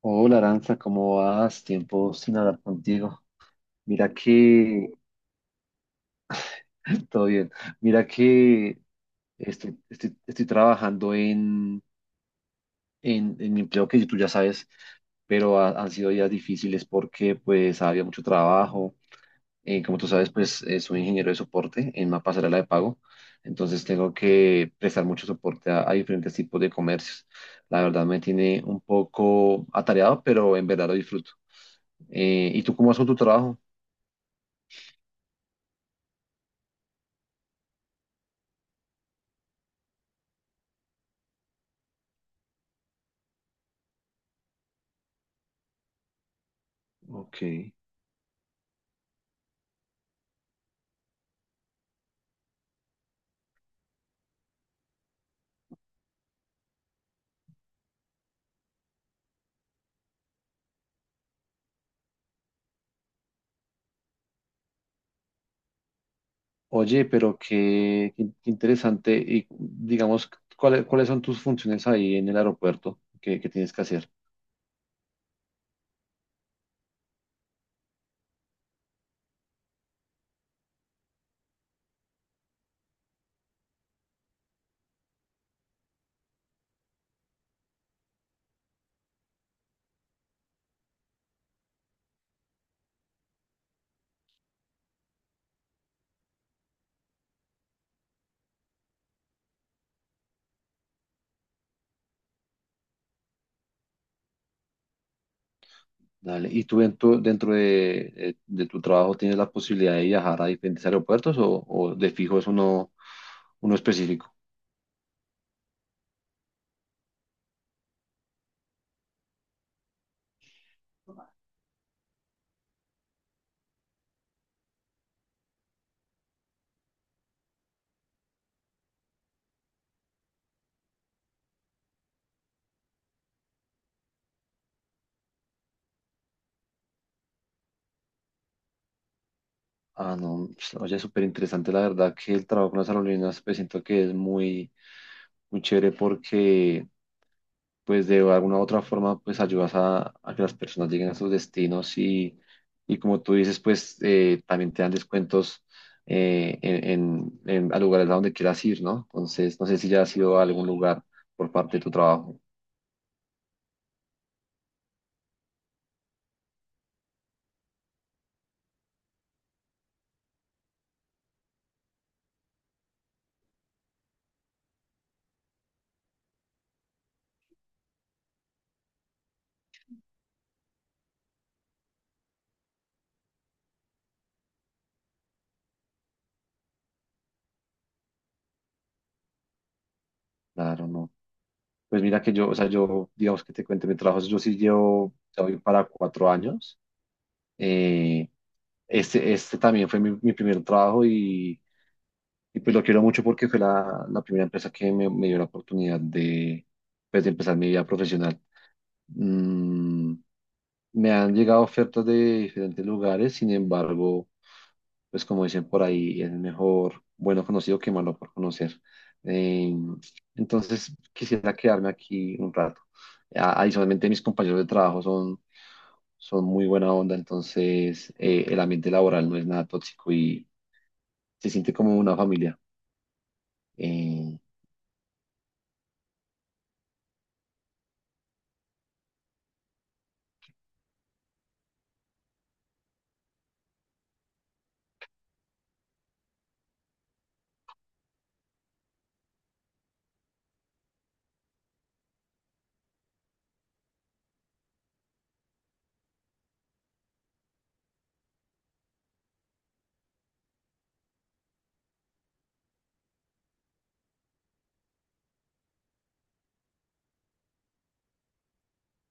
Hola Aranza, ¿cómo vas? Tiempo sin hablar contigo. Mira que, todo bien, mira que estoy trabajando en mi empleo que tú ya sabes, pero han sido días difíciles porque pues había mucho trabajo. Como tú sabes, pues soy ingeniero de soporte en una pasarela de pago, entonces tengo que prestar mucho soporte a diferentes tipos de comercios. La verdad me tiene un poco atareado, pero en verdad lo disfruto. ¿Y tú cómo vas con tu trabajo? Ok. Oye, pero qué interesante. Y digamos, ¿ cuáles son tus funciones ahí en el aeropuerto que tienes que hacer? Dale. ¿Y tú dentro de tu trabajo tienes la posibilidad de viajar a diferentes aeropuertos o de fijo es uno específico? Ah, no, pues, oye, súper interesante, la verdad que el trabajo con las aerolíneas, pues siento que es muy chévere porque, pues de alguna u otra forma, pues ayudas a que las personas lleguen a sus destinos y como tú dices, pues también te dan descuentos eh, en, a lugares a donde quieras ir, ¿no? Entonces, no sé si ya has ido a algún lugar por parte de tu trabajo. Claro, no. Pues mira que yo, o sea, yo, digamos que te cuente mi trabajo, yo sí llevo, ya voy para cuatro años. Eh, este también fue mi primer trabajo y pues lo quiero mucho porque fue la primera empresa que me dio la oportunidad de, pues, de empezar mi vida profesional. Mm, Me han llegado ofertas de diferentes lugares, sin embargo, pues como dicen por ahí, es mejor bueno conocido que malo por conocer. Eh, entonces, quisiera quedarme aquí un rato. Adicionalmente, mis compañeros de trabajo son muy buena onda, entonces el ambiente laboral no es nada tóxico y se siente como una familia. Eh,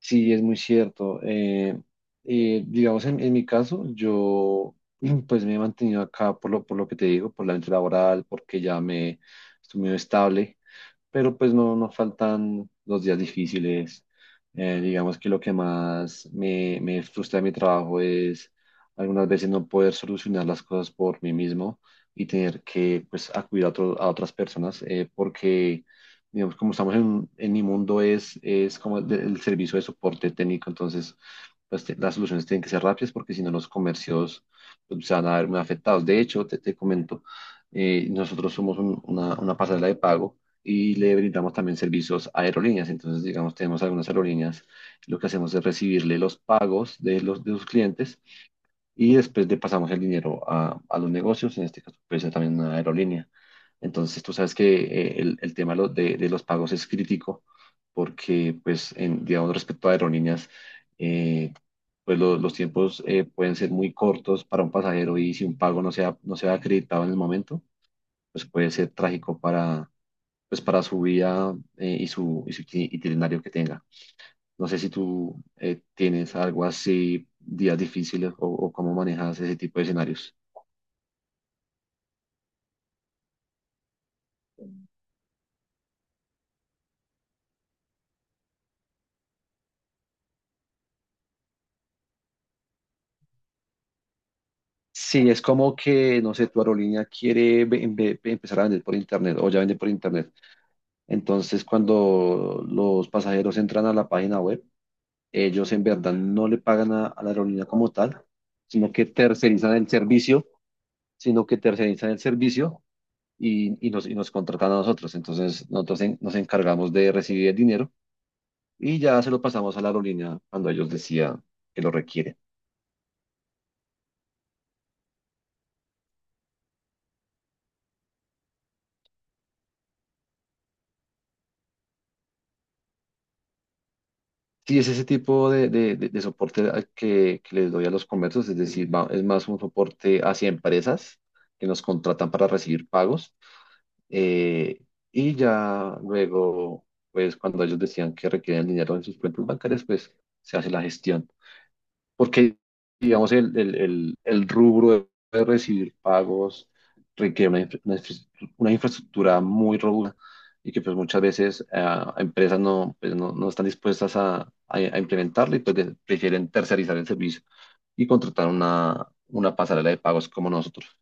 Sí, es muy cierto. Digamos, en mi caso, yo pues me he mantenido acá por por lo que te digo, por la mente laboral, porque ya me estoy muy estable, pero pues no, no faltan los días difíciles. Digamos que lo que más me frustra de mi trabajo es algunas veces no poder solucionar las cosas por mí mismo y tener que pues acudir a otras personas porque digamos como estamos en mi mundo es como el servicio de soporte técnico, entonces pues las soluciones tienen que ser rápidas porque si no los comercios pues, se van a ver muy afectados. De hecho, te comento, nosotros somos una pasarela de pago y le brindamos también servicios a aerolíneas. Entonces, digamos, tenemos algunas aerolíneas, lo que hacemos es recibirle los pagos de los de sus clientes y después le pasamos el dinero a los negocios, en este caso puede ser también una aerolínea. Entonces, tú sabes que el tema de los pagos es crítico porque, pues, en, digamos, respecto a aerolíneas, eh, los tiempos pueden ser muy cortos para un pasajero, y si un pago no sea acreditado en el momento, pues puede ser trágico para pues para su vida y y su itinerario que tenga. No sé si tú tienes algo así, días difíciles o cómo manejas ese tipo de escenarios. Sí, es como que, no sé, tu aerolínea quiere empezar a vender por internet o ya vende por internet. Entonces, cuando los pasajeros entran a la página web, ellos en verdad no le pagan a la aerolínea como tal, sino que tercerizan el servicio, sino que tercerizan el servicio y nos contratan a nosotros. Entonces, nosotros nos encargamos de recibir el dinero y ya se lo pasamos a la aerolínea cuando ellos decían que lo requieren. Sí, es ese tipo de soporte al que les doy a los comercios, es decir, es más un soporte hacia empresas que nos contratan para recibir pagos. eh, y ya luego, pues cuando ellos decían que requieren el dinero en sus cuentas bancarias, pues se hace la gestión. Porque digamos el rubro de recibir pagos requiere una infraestructura muy robusta, y que pues muchas veces empresas no, pues, no, no están dispuestas a implementarla, y pues prefieren tercerizar el servicio y contratar una pasarela de pagos como nosotros.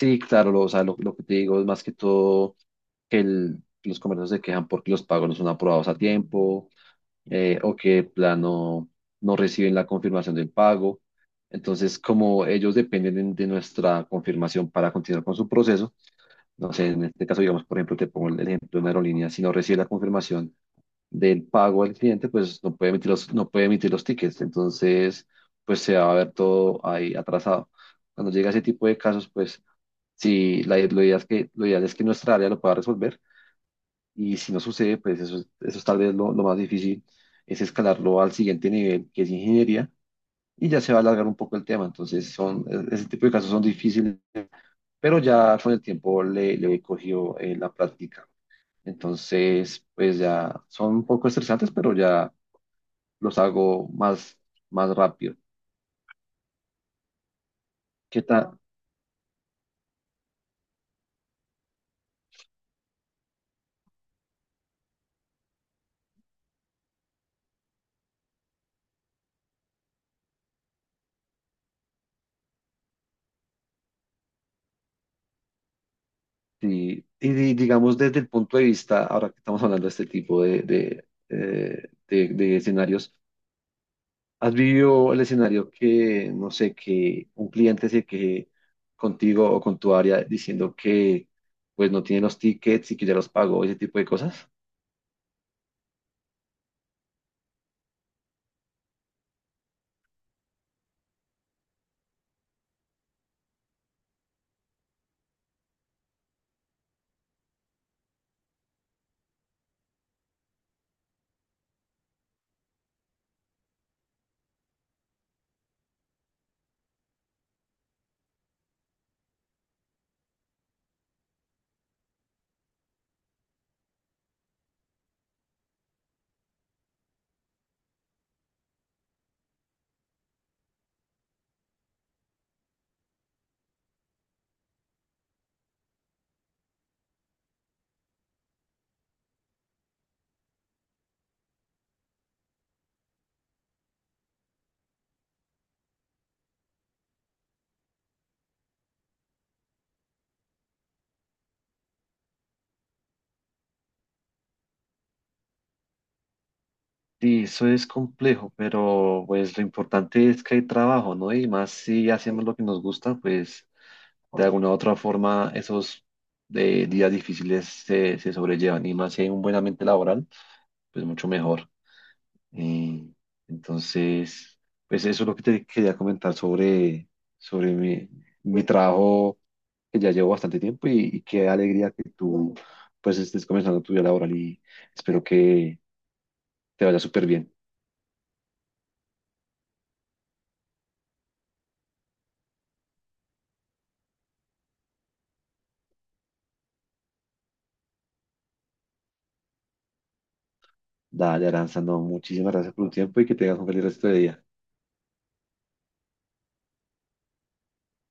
Sí, claro, lo, o sea, lo que te digo es más que todo que los comercios se quejan porque los pagos no son aprobados a tiempo, o que de plano no reciben la confirmación del pago. Entonces, como ellos dependen de nuestra confirmación para continuar con su proceso, no sé, en este caso, digamos, por ejemplo, te pongo el ejemplo de una aerolínea, si no recibe la confirmación del pago del cliente, pues no puede emitir los tickets. Entonces, pues se va a ver todo ahí atrasado. Cuando llega ese tipo de casos, pues sí, la, lo ideal es que, lo ideal es que nuestra área lo pueda resolver, y si no sucede, pues eso, eso es tal vez lo más difícil, es escalarlo al siguiente nivel, que es ingeniería, y ya se va a alargar un poco el tema. Entonces, ese tipo de casos son difíciles, pero ya con el tiempo le he cogido la práctica. Entonces, pues ya son un poco estresantes, pero ya los hago más rápido. ¿Qué tal? Digamos desde el punto de vista, ahora que estamos hablando de este tipo de escenarios, ¿has vivido el escenario que, no sé, que un cliente se queje contigo o con tu área diciendo que pues no tiene los tickets y que ya los pagó, ese tipo de cosas? Sí, eso es complejo, pero pues lo importante es que hay trabajo, ¿no? Y más si hacemos lo que nos gusta, pues de alguna u otra forma esos días difíciles se sobrellevan. Y más si hay un buen ambiente laboral, pues mucho mejor. Eh, entonces, pues eso es lo que te quería comentar sobre mi trabajo que ya llevo bastante tiempo, y qué alegría que tú pues estés comenzando tu vida laboral, y espero que te vaya súper bien. Dale, Aranza, no, muchísimas gracias por tu tiempo y que tengas un feliz resto de día.